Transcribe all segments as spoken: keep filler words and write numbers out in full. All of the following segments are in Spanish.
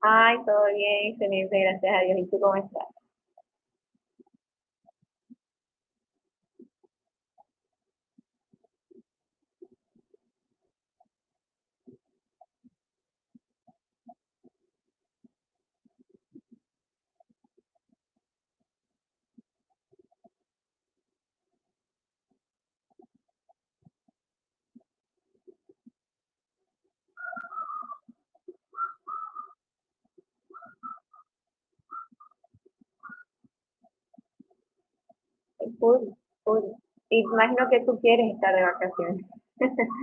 Ay, todo bien, excelente, gracias a Dios. ¿Y tú cómo estás? Ay, full, full. Imagino que tú quieres estar de vacaciones.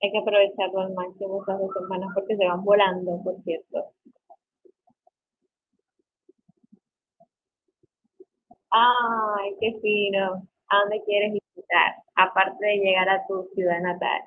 Hay que aprovecharlo al máximo estas dos semanas porque se van volando, por cierto. Ay, qué fino. ¿A dónde quieres visitar? Aparte de llegar a tu ciudad natal.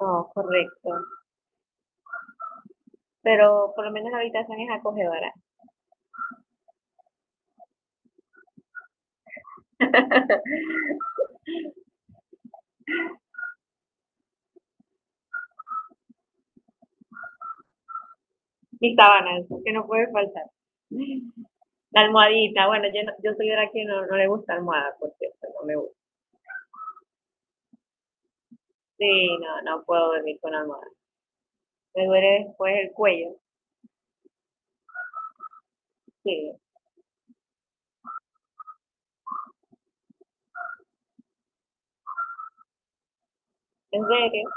Oh, correcto. Pero por lo menos la habitación es acogedora. Mis sábanas, que no puede faltar. La almohadita. Bueno, yo, no- yo soy de la que no, no le gusta almohada, por cierto, no me gusta. Sí, no, no puedo dormir con almohada. Me duele después el cuello. Sí, en serio.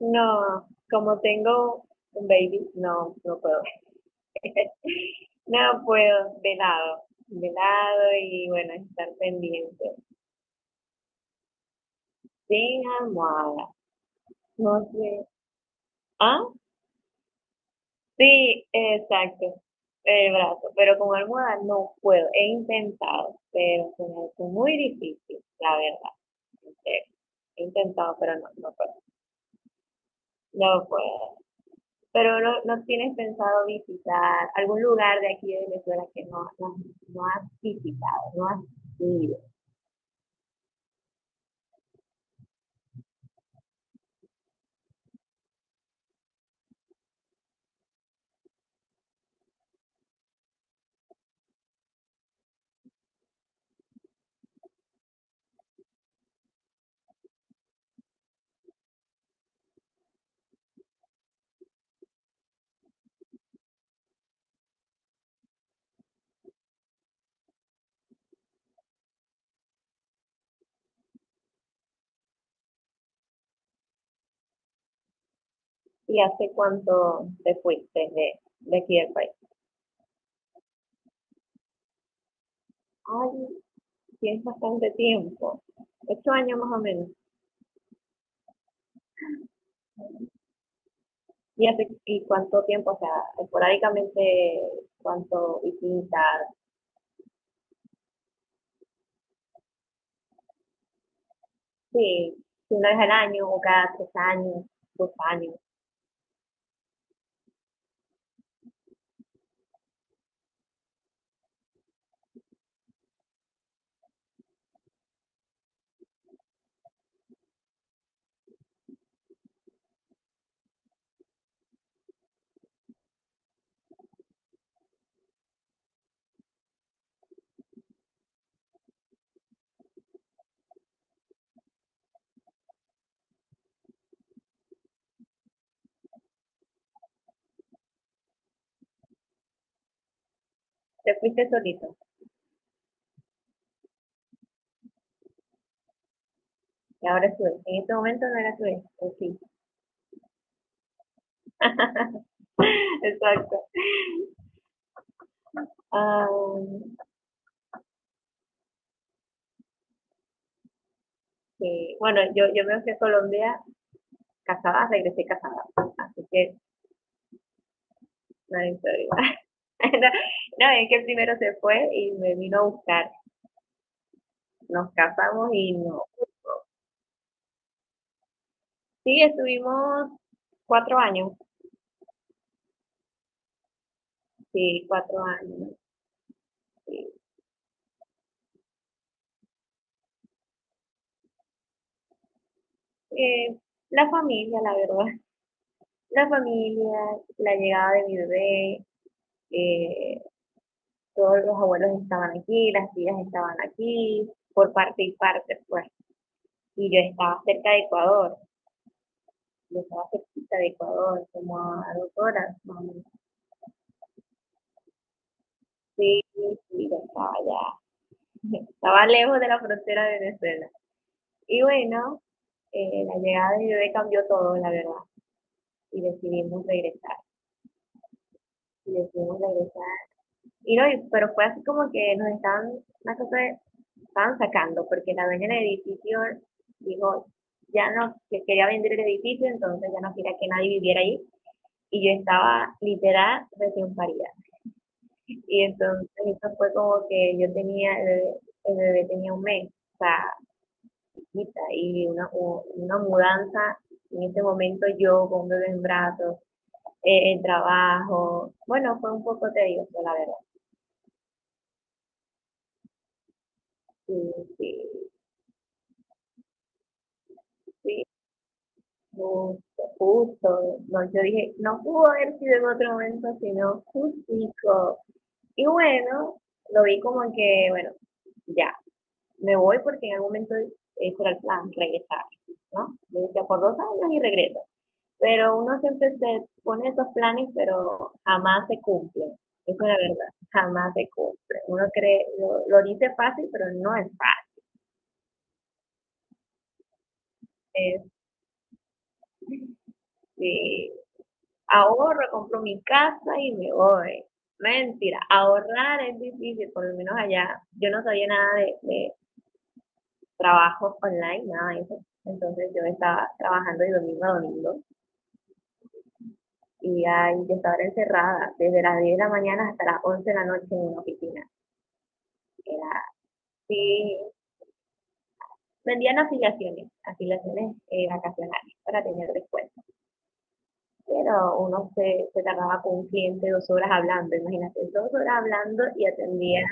No, como tengo un baby, no, no puedo. No puedo, de lado, de lado y bueno, estar pendiente. Sin almohada. No sé. Ah, sí, exacto. El brazo, pero con almohada no puedo. He intentado, pero se me hace muy difícil, la verdad. En serio. He intentado, pero no, no puedo. No puedo. Pero no, no tienes pensado visitar algún lugar de aquí de Venezuela que no, no, no has visitado, no has ido. ¿Y hace cuánto te fuiste de, de aquí del país? Ay, tienes bastante tiempo, ocho años más o menos. ¿Y, hace, y cuánto tiempo? O sea, esporádicamente, ¿cuánto visitas? Sí, una vez al año o cada tres años, dos años. Te fuiste solito y ahora sube. En este momento no era sube, o sí. Exacto. Ah, sí. Bueno, yo, yo me fui a Colombia casada, regresé casada, así que no hay problema. No, no, es que el primero se fue y me vino a buscar. Nos casamos y no. Sí, estuvimos cuatro años, sí, cuatro años. Sí. Eh, la familia, la verdad, la familia, la llegada de mi bebé, eh, todos los abuelos estaban aquí, las tías estaban aquí, por parte y parte, pues. Y yo estaba cerca de Ecuador, yo estaba cerquita de Ecuador, como a dos horas, más o menos. Sí, sí, yo estaba ya, estaba lejos de la frontera de Venezuela. Y bueno, eh, la llegada de bebé cambió todo, la verdad, y decidimos regresar, y decidimos regresar. Y no, y- pero fue así como que nos estaban, una cosa, de- estaban sacando, porque la dueña del edificio dijo, ya no, que quería vender el edificio, entonces ya no quería que nadie viviera ahí, y yo estaba literal recién parida. Y entonces eso fue como que yo tenía, el bebé, el bebé tenía un mes, o sea, chiquita, y una, u- una mudanza. En ese momento yo con un bebé en brazos, eh, el trabajo, bueno, fue un poco tedioso, la verdad. Sí, sí, sí, justo, justo. No, yo dije, no pudo haber sido en otro momento, sino justico. Y bueno, lo vi como que, bueno, ya, me voy porque en algún momento ese era el plan, regresar, ¿no? Yo decía, por dos años y regreso. Pero uno siempre se pone esos planes, pero jamás se cumplen. Eso es la verdad, jamás se cumple. Uno cree, lo, lo dice fácil, pero no es fácil. Este, ahorro, compro mi casa y me voy. Mentira, ahorrar es difícil, por lo menos allá. Yo no sabía nada de, de trabajo online, nada de eso. Entonces yo estaba trabajando de domingo a domingo y ay, yo estaba encerrada desde las diez de la mañana hasta las once de la noche en una oficina. Era así. Vendían afiliaciones, afiliaciones eh, vacacionales para tener descuento. Pero uno se, se tardaba con un cliente dos horas hablando, imagínate, dos horas hablando y atendían,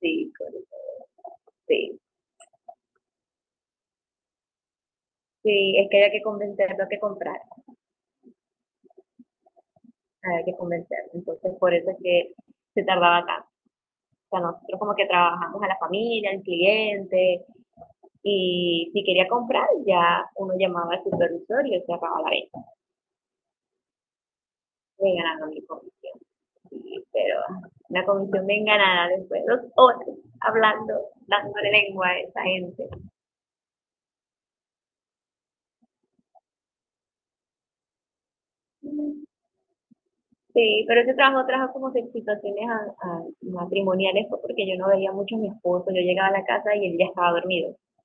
sí, pues, sí, sí, es que había que convencerlo a que comprar, había que convencerlo. Entonces, por eso es que se tardaba tanto. O sea, nosotros como que trabajamos a la familia, al cliente, y si quería comprar, ya uno llamaba al supervisor y él cerraba la venta. Me ganaron mi comisión. Sí, pero una comisión bien ganada después de dos horas hablando, dándole lengua a esa gente. Sí, pero ese trabajo trajo como situaciones a- a- matrimoniales fue porque yo no veía mucho a mi esposo. Yo llegaba a la casa y él ya estaba dormido. O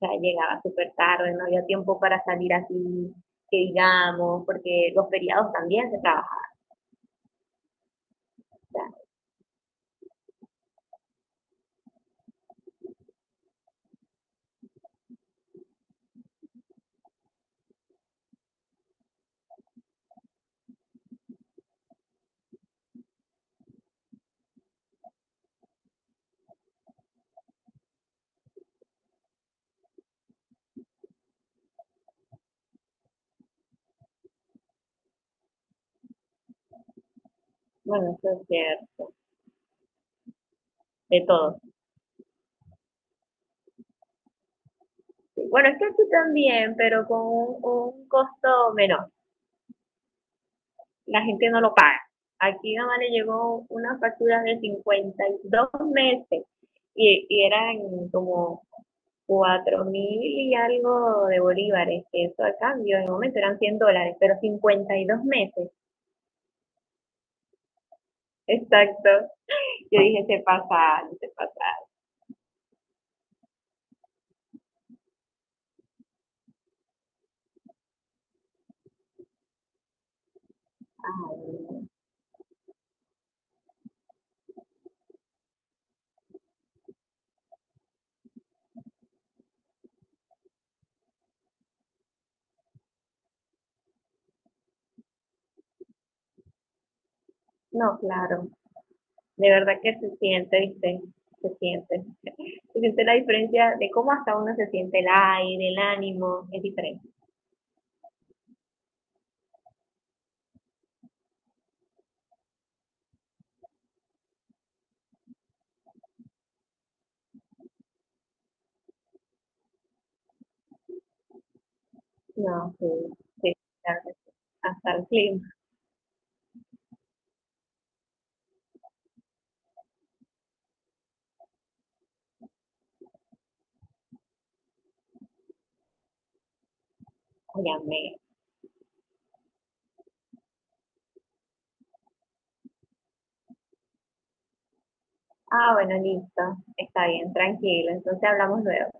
sea, llegaba súper tarde, no había tiempo para salir así, que digamos, porque los feriados también se trabajan. Bueno, eso es ser de todo. Sí, bueno, es que aquí también, pero con un, un costo menor. La gente no lo paga. Aquí nada más le llegó una factura de cincuenta y dos meses y, y eran como cuatro mil y algo de bolívares. Eso a cambio, en el momento eran cien dólares, pero cincuenta y dos meses. Exacto. Yo dije, se pasa, se pasa. Ay, no, claro. De verdad que se siente, ¿viste? Se siente. Se siente la diferencia de cómo hasta uno se siente el aire, el ánimo, es diferente. No, sí, sí, claro que sí. Hasta el clima. Óyame. Ah, bueno, listo. Está bien, tranquilo. Entonces hablamos luego.